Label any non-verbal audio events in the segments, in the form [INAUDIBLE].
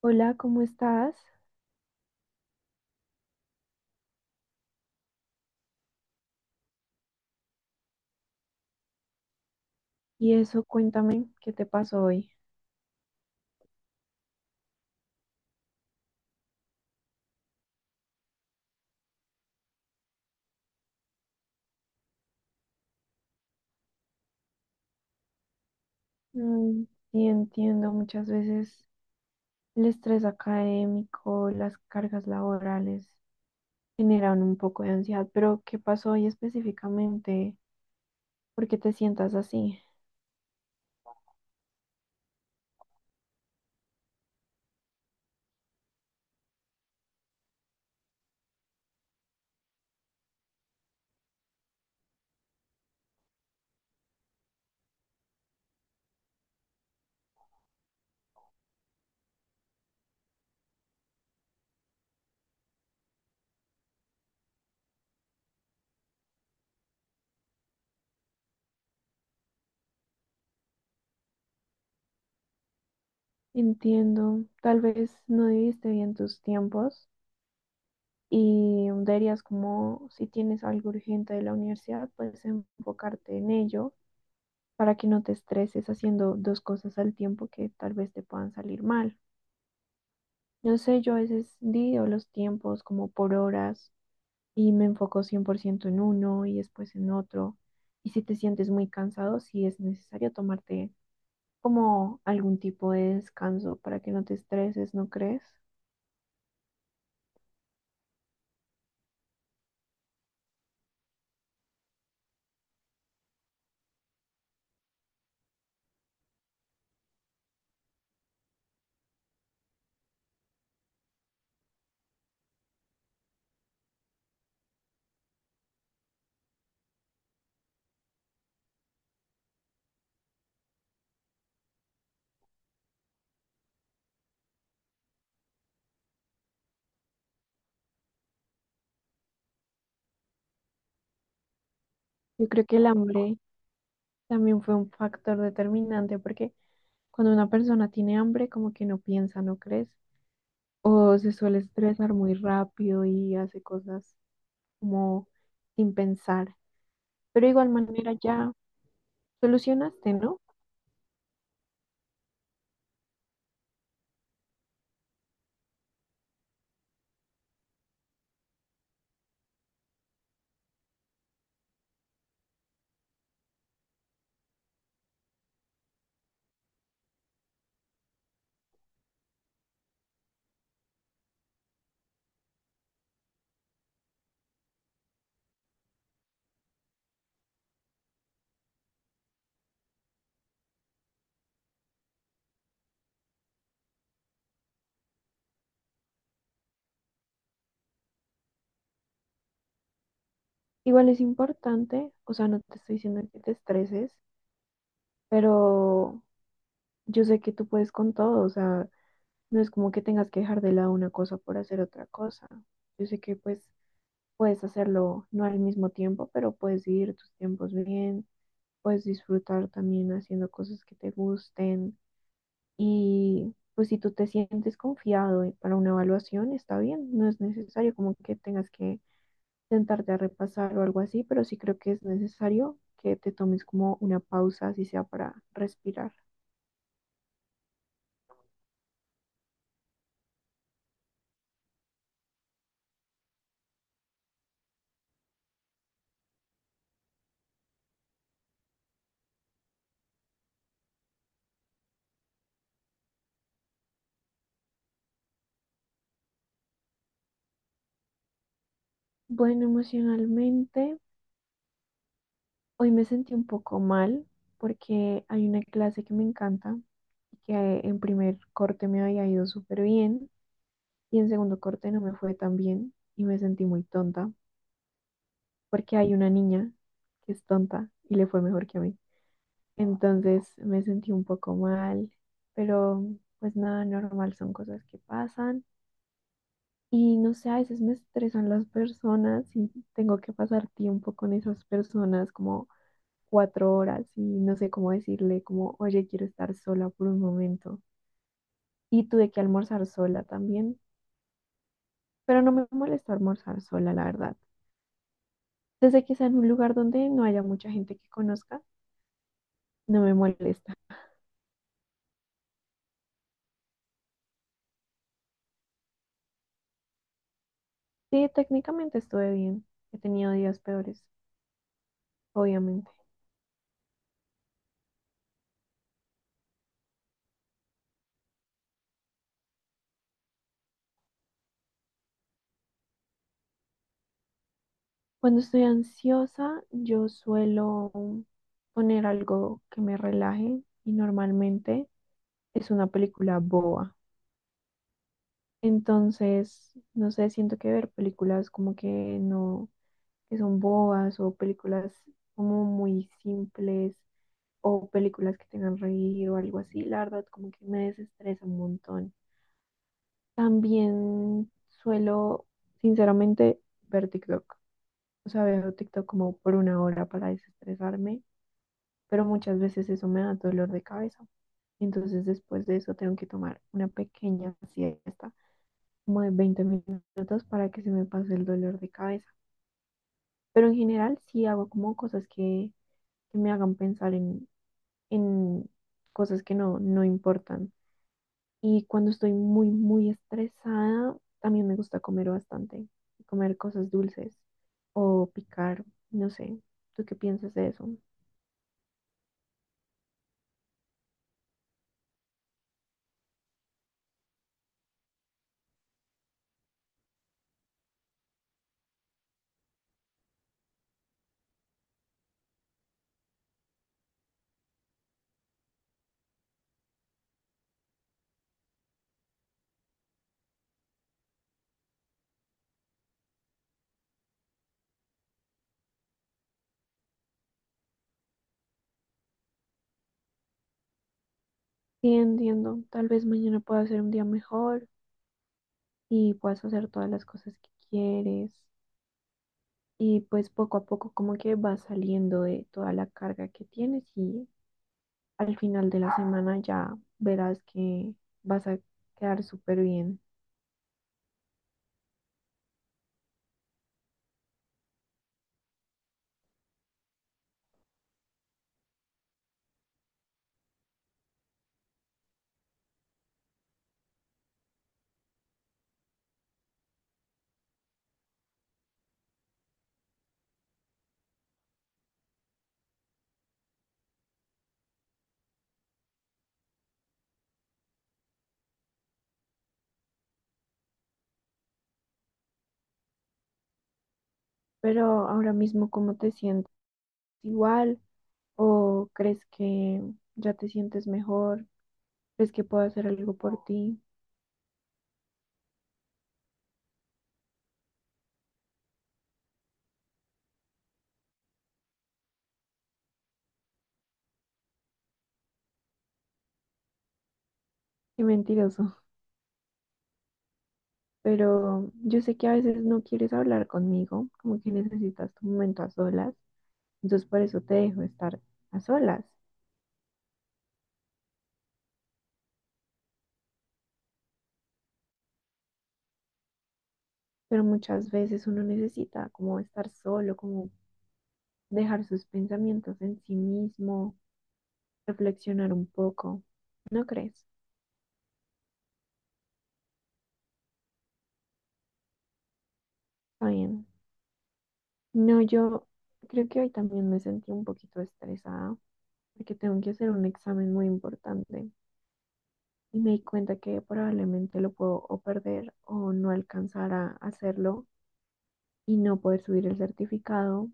Hola, ¿cómo estás? Y eso, cuéntame, ¿qué te pasó hoy? Mm, sí, entiendo, muchas veces el estrés académico, las cargas laborales generan un poco de ansiedad, pero ¿qué pasó hoy específicamente? ¿Por qué te sientas así? Entiendo, tal vez no dividiste bien tus tiempos y deberías como, si tienes algo urgente de la universidad, pues enfocarte en ello para que no te estreses haciendo dos cosas al tiempo que tal vez te puedan salir mal. No sé, yo a veces divido los tiempos como por horas y me enfoco 100% en uno y después en otro. Y si te sientes muy cansado, sí es necesario tomarte como algún tipo de descanso para que no te estreses, ¿no crees? Yo creo que el hambre también fue un factor determinante porque cuando una persona tiene hambre, como que no piensa, ¿no crees? O se suele estresar muy rápido y hace cosas como sin pensar. Pero de igual manera ya solucionaste, ¿no? Igual es importante, o sea, no te estoy diciendo que te estreses, pero yo sé que tú puedes con todo, o sea, no es como que tengas que dejar de lado una cosa por hacer otra cosa. Yo sé que pues puedes hacerlo no al mismo tiempo, pero puedes dividir tus tiempos bien, puedes disfrutar también haciendo cosas que te gusten. Y pues si tú te sientes confiado y para una evaluación, está bien, no es necesario como que tengas que sentarte a repasar o algo así, pero sí creo que es necesario que te tomes como una pausa, así sea para respirar. Bueno, emocionalmente, hoy me sentí un poco mal porque hay una clase que me encanta y que en primer corte me había ido súper bien y en segundo corte no me fue tan bien y me sentí muy tonta porque hay una niña que es tonta y le fue mejor que a mí. Entonces me sentí un poco mal, pero pues nada, normal, son cosas que pasan. Y no sé, a veces me estresan las personas y tengo que pasar tiempo con esas personas como 4 horas y no sé cómo decirle como, oye, quiero estar sola por un momento. Y tuve que almorzar sola también, pero no me molesta almorzar sola, la verdad. Desde que sea en un lugar donde no haya mucha gente que conozca, no me molesta. Sí, técnicamente estuve bien. He tenido días peores, obviamente. Cuando estoy ansiosa, yo suelo poner algo que me relaje y normalmente es una película boba. Entonces, no sé, siento que ver películas como que no, que son bobas o películas como muy simples o películas que tengan reír o algo así, la verdad como que me desestresa un montón. También suelo, sinceramente, ver TikTok. O sea, veo TikTok como por una hora para desestresarme, pero muchas veces eso me da dolor de cabeza. Entonces después de eso tengo que tomar una pequeña siesta, como de 20 minutos para que se me pase el dolor de cabeza. Pero en general sí hago como cosas que me hagan pensar en cosas que no, no importan. Y cuando estoy muy, muy estresada, también me gusta comer bastante, comer cosas dulces o picar, no sé, ¿tú qué piensas de eso? Sí, entiendo, tal vez mañana pueda ser un día mejor y puedas hacer todas las cosas que quieres y pues poco a poco como que vas saliendo de toda la carga que tienes y al final de la semana ya verás que vas a quedar súper bien. Pero ahora mismo, ¿cómo te sientes? ¿Igual o crees que ya te sientes mejor? ¿Crees que puedo hacer algo por ti? Qué mentiroso. [LAUGHS] Pero yo sé que a veces no quieres hablar conmigo, como que necesitas tu momento a solas. Entonces por eso te dejo estar a solas. Pero muchas veces uno necesita como estar solo, como dejar sus pensamientos en sí mismo, reflexionar un poco, ¿no crees? Está bien. No, yo creo que hoy también me sentí un poquito estresada porque tengo que hacer un examen muy importante y me di cuenta que probablemente lo puedo o perder o no alcanzar a hacerlo y no poder subir el certificado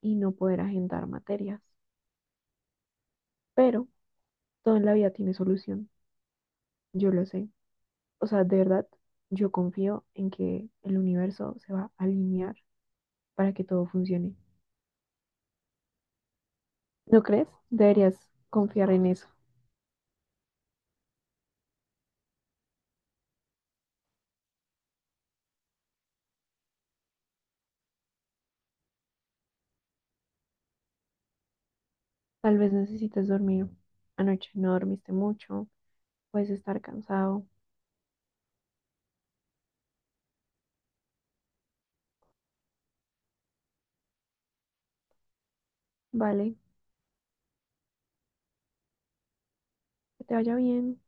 y no poder agendar materias. Pero todo en la vida tiene solución, yo lo sé. O sea, de verdad, yo confío en que el universo se va a alinear para que todo funcione. ¿No crees? Deberías confiar en eso. Tal vez necesites dormir. Anoche no dormiste mucho, puedes estar cansado. Vale, que te vaya bien.